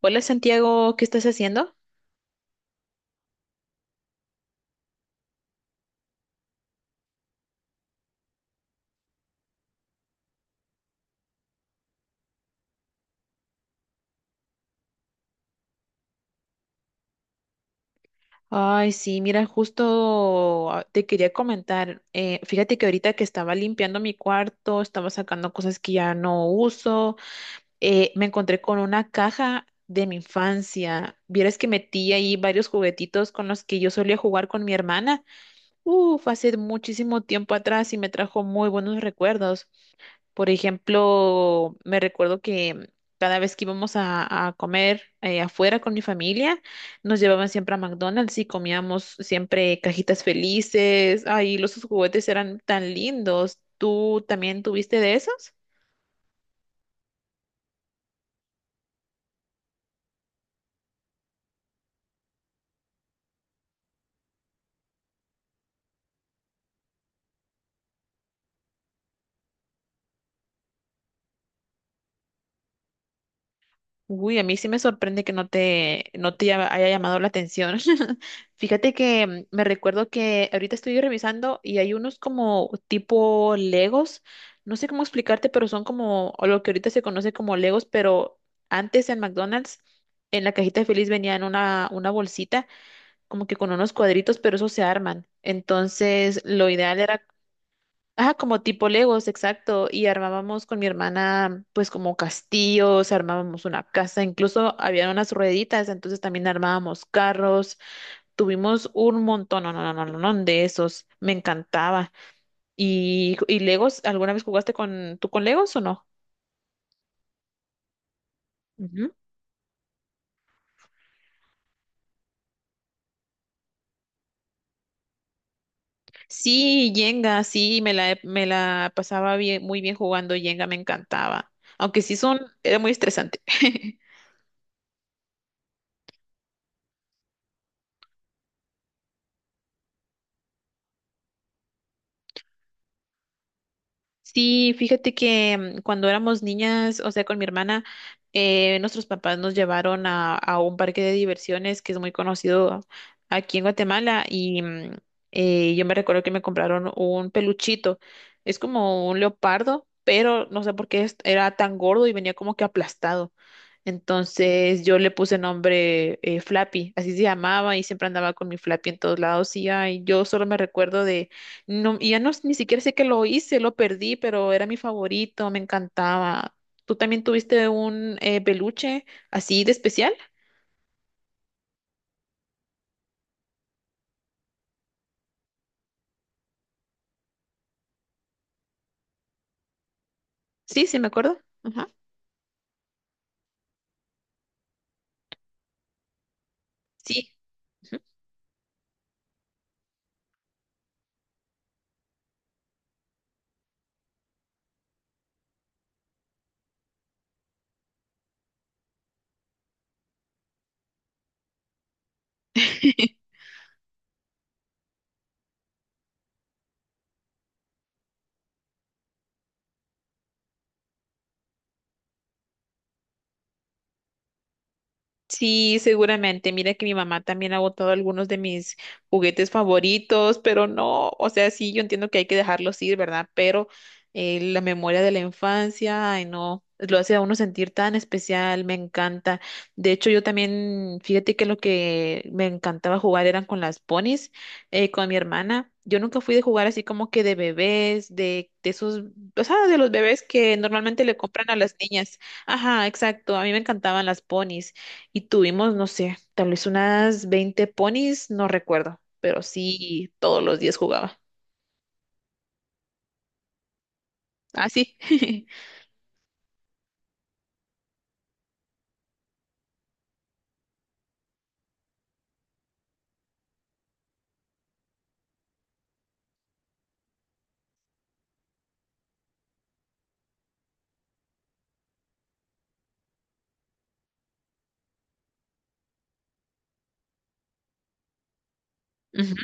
Hola Santiago, ¿qué estás haciendo? Ay, sí, mira, justo te quería comentar, fíjate que ahorita que estaba limpiando mi cuarto, estaba sacando cosas que ya no uso, me encontré con una caja de mi infancia. Vieras que metí ahí varios juguetitos con los que yo solía jugar con mi hermana. Uf, hace muchísimo tiempo atrás y me trajo muy buenos recuerdos. Por ejemplo, me recuerdo que cada vez que íbamos a comer afuera con mi familia, nos llevaban siempre a McDonald's y comíamos siempre cajitas felices. Ay, los juguetes eran tan lindos. ¿Tú también tuviste de esos? Uy, a mí sí me sorprende que no te haya llamado la atención. Fíjate que mm, me recuerdo que ahorita estoy revisando y hay unos como tipo Legos. No sé cómo explicarte, pero son como o lo que ahorita se conoce como Legos, pero antes en McDonald's, en la cajita feliz venían una bolsita como que con unos cuadritos, pero esos se arman. Entonces, lo ideal era Ajá, como tipo Legos, exacto. Y armábamos con mi hermana, pues como castillos, armábamos una casa, incluso había unas rueditas, entonces también armábamos carros. Tuvimos un montón, no, no, no, no, no, no, de esos. Me encantaba. Y Legos, ¿alguna vez jugaste con tú con Legos o no? Ujú. Sí, Jenga, sí, me la pasaba bien, muy bien jugando Jenga, me encantaba. Aunque sí son, era muy estresante. Sí, fíjate que mm, cuando éramos niñas, o sea, con mi hermana, nuestros papás nos llevaron a un parque de diversiones que es muy conocido aquí en Guatemala y mm, yo me recuerdo que me compraron un peluchito. Es como un leopardo, pero no sé por qué era tan gordo y venía como que aplastado. Entonces yo le puse nombre Flappy, así se llamaba y siempre andaba con mi Flappy en todos lados y ay, yo solo me recuerdo de, no, y ya no, ni siquiera sé que lo hice, lo perdí, pero era mi favorito, me encantaba. ¿Tú también tuviste un peluche así de especial? Sí, sí, me acuerdo. Ajá. Sí. Ujú. Sí, seguramente. Mira que mi mamá también ha botado algunos de mis juguetes favoritos, pero no, o sea, sí, yo entiendo que hay que dejarlos ir, ¿verdad? Pero la memoria de la infancia, ay, no, lo hace a uno sentir tan especial, me encanta. De hecho, yo también, fíjate que lo que me encantaba jugar eran con las ponis, con mi hermana. Yo nunca fui de jugar así como que de bebés, de esos, o sea, de los bebés que normalmente le compran a las niñas. Ajá, exacto. A mí me encantaban las ponis. Y tuvimos, no sé, tal vez unas 20 ponis, no recuerdo, pero sí todos los días jugaba. Ah, sí. Ujú.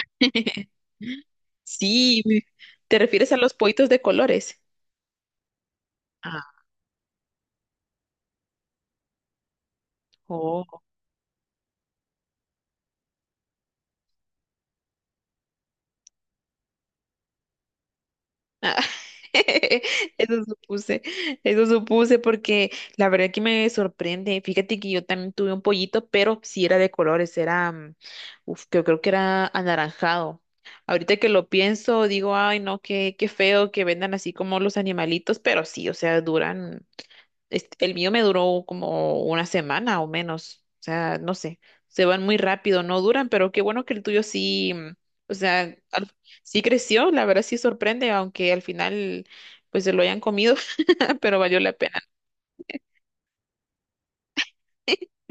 Sí, me- ¿te refieres a los pollitos de colores? Ah, ah, eso supuse, eso supuse porque la verdad que me sorprende. Fíjate que yo también tuve un pollito, pero sí era de colores, era, mm, uf, yo creo que era anaranjado. Ahorita que lo pienso, digo, ay, no, qué, qué feo que vendan así como los animalitos, pero sí, o sea, duran este, el mío me duró como una semana o menos. O sea, no sé, se van muy rápido, no duran, pero qué bueno que el tuyo sí, mm, o sea, al- sí creció, la verdad sí sorprende, aunque al final pues se lo hayan comido, pero valió la pena.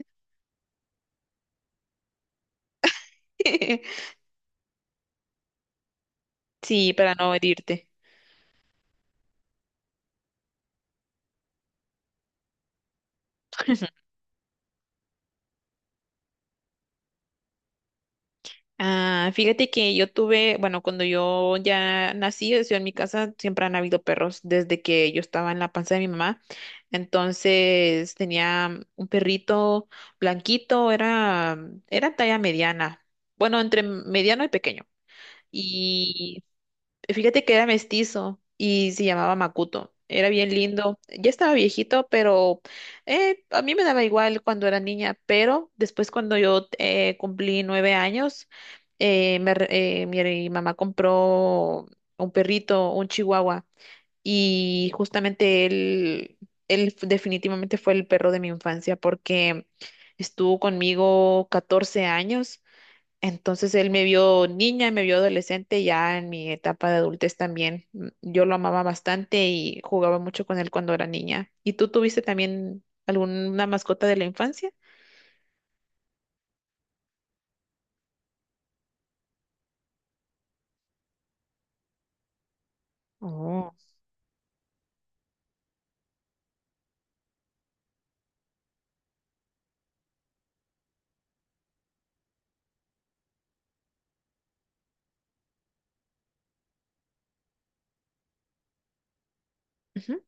Sí, para no herirte. Ah, fíjate que yo tuve, bueno, cuando yo ya nací, o sea, en mi casa siempre han habido perros desde que yo estaba en la panza de mi mamá. Entonces tenía un perrito blanquito, era, era talla mediana, bueno, entre mediano y pequeño. Y fíjate que era mestizo y se llamaba Makuto. Era bien lindo. Ya estaba viejito, pero a mí me daba igual cuando era niña. Pero después cuando yo cumplí 9 años, mi mamá compró un perrito, un chihuahua, y justamente definitivamente fue el perro de mi infancia porque estuvo conmigo 14 años entonces él me vio niña, me vio adolescente, ya en mi etapa de adultez también. Mm, yo lo amaba bastante y jugaba mucho con él cuando era niña. ¿Y tú tuviste también alguna mascota de la infancia? Oh. Ujú.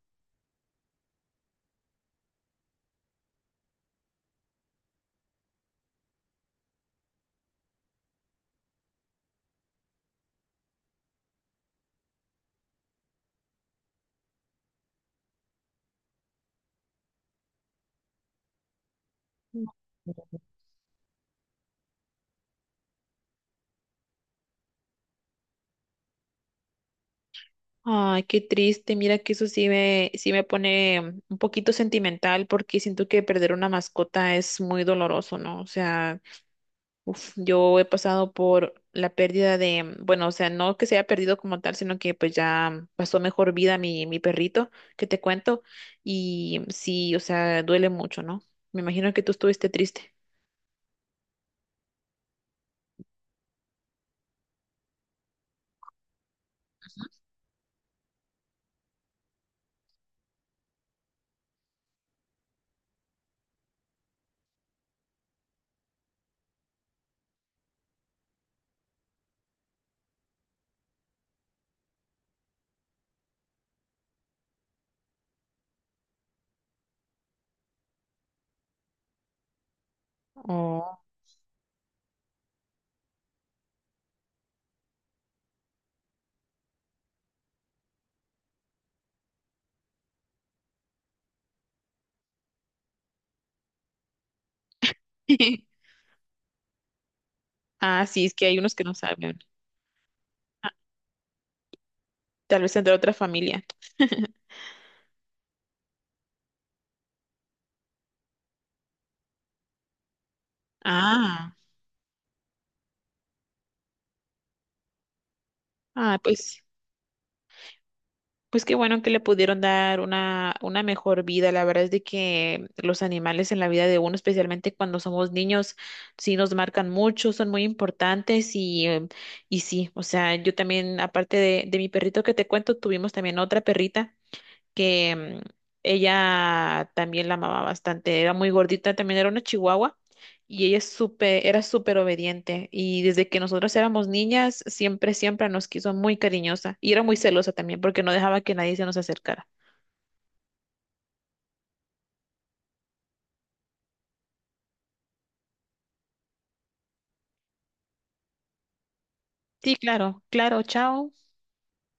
Ay, qué triste. Mira que sí me pone mm, un poquito sentimental porque siento que perder una mascota es muy doloroso, ¿no? O sea, yo he pasado por la pérdida de, bueno, o sea, no que se haya perdido como tal, sino que pues ya pasó mejor vida mi perrito, que te cuento, y sí, o sea, duele mucho, ¿no? Me imagino que tú estuviste triste. Oh. Ah, sí, es que hay unos que no saben. Ah, tal vez entre otra familia. Ah, ah, pues. Pues qué bueno que le pudieron dar una mejor vida. La verdad es de que los animales en la vida de uno, especialmente cuando somos niños, sí nos marcan mucho, son muy importantes y sí, o sea, yo también, aparte de mi perrito que te cuento, tuvimos también otra perrita que mm, ella también la amaba bastante, era muy gordita, también era una chihuahua y ella es súper, era súper obediente y desde que nosotros éramos niñas siempre, siempre nos quiso muy cariñosa y era muy celosa también porque no dejaba que nadie se nos acercara. Sí, claro, claro, chao.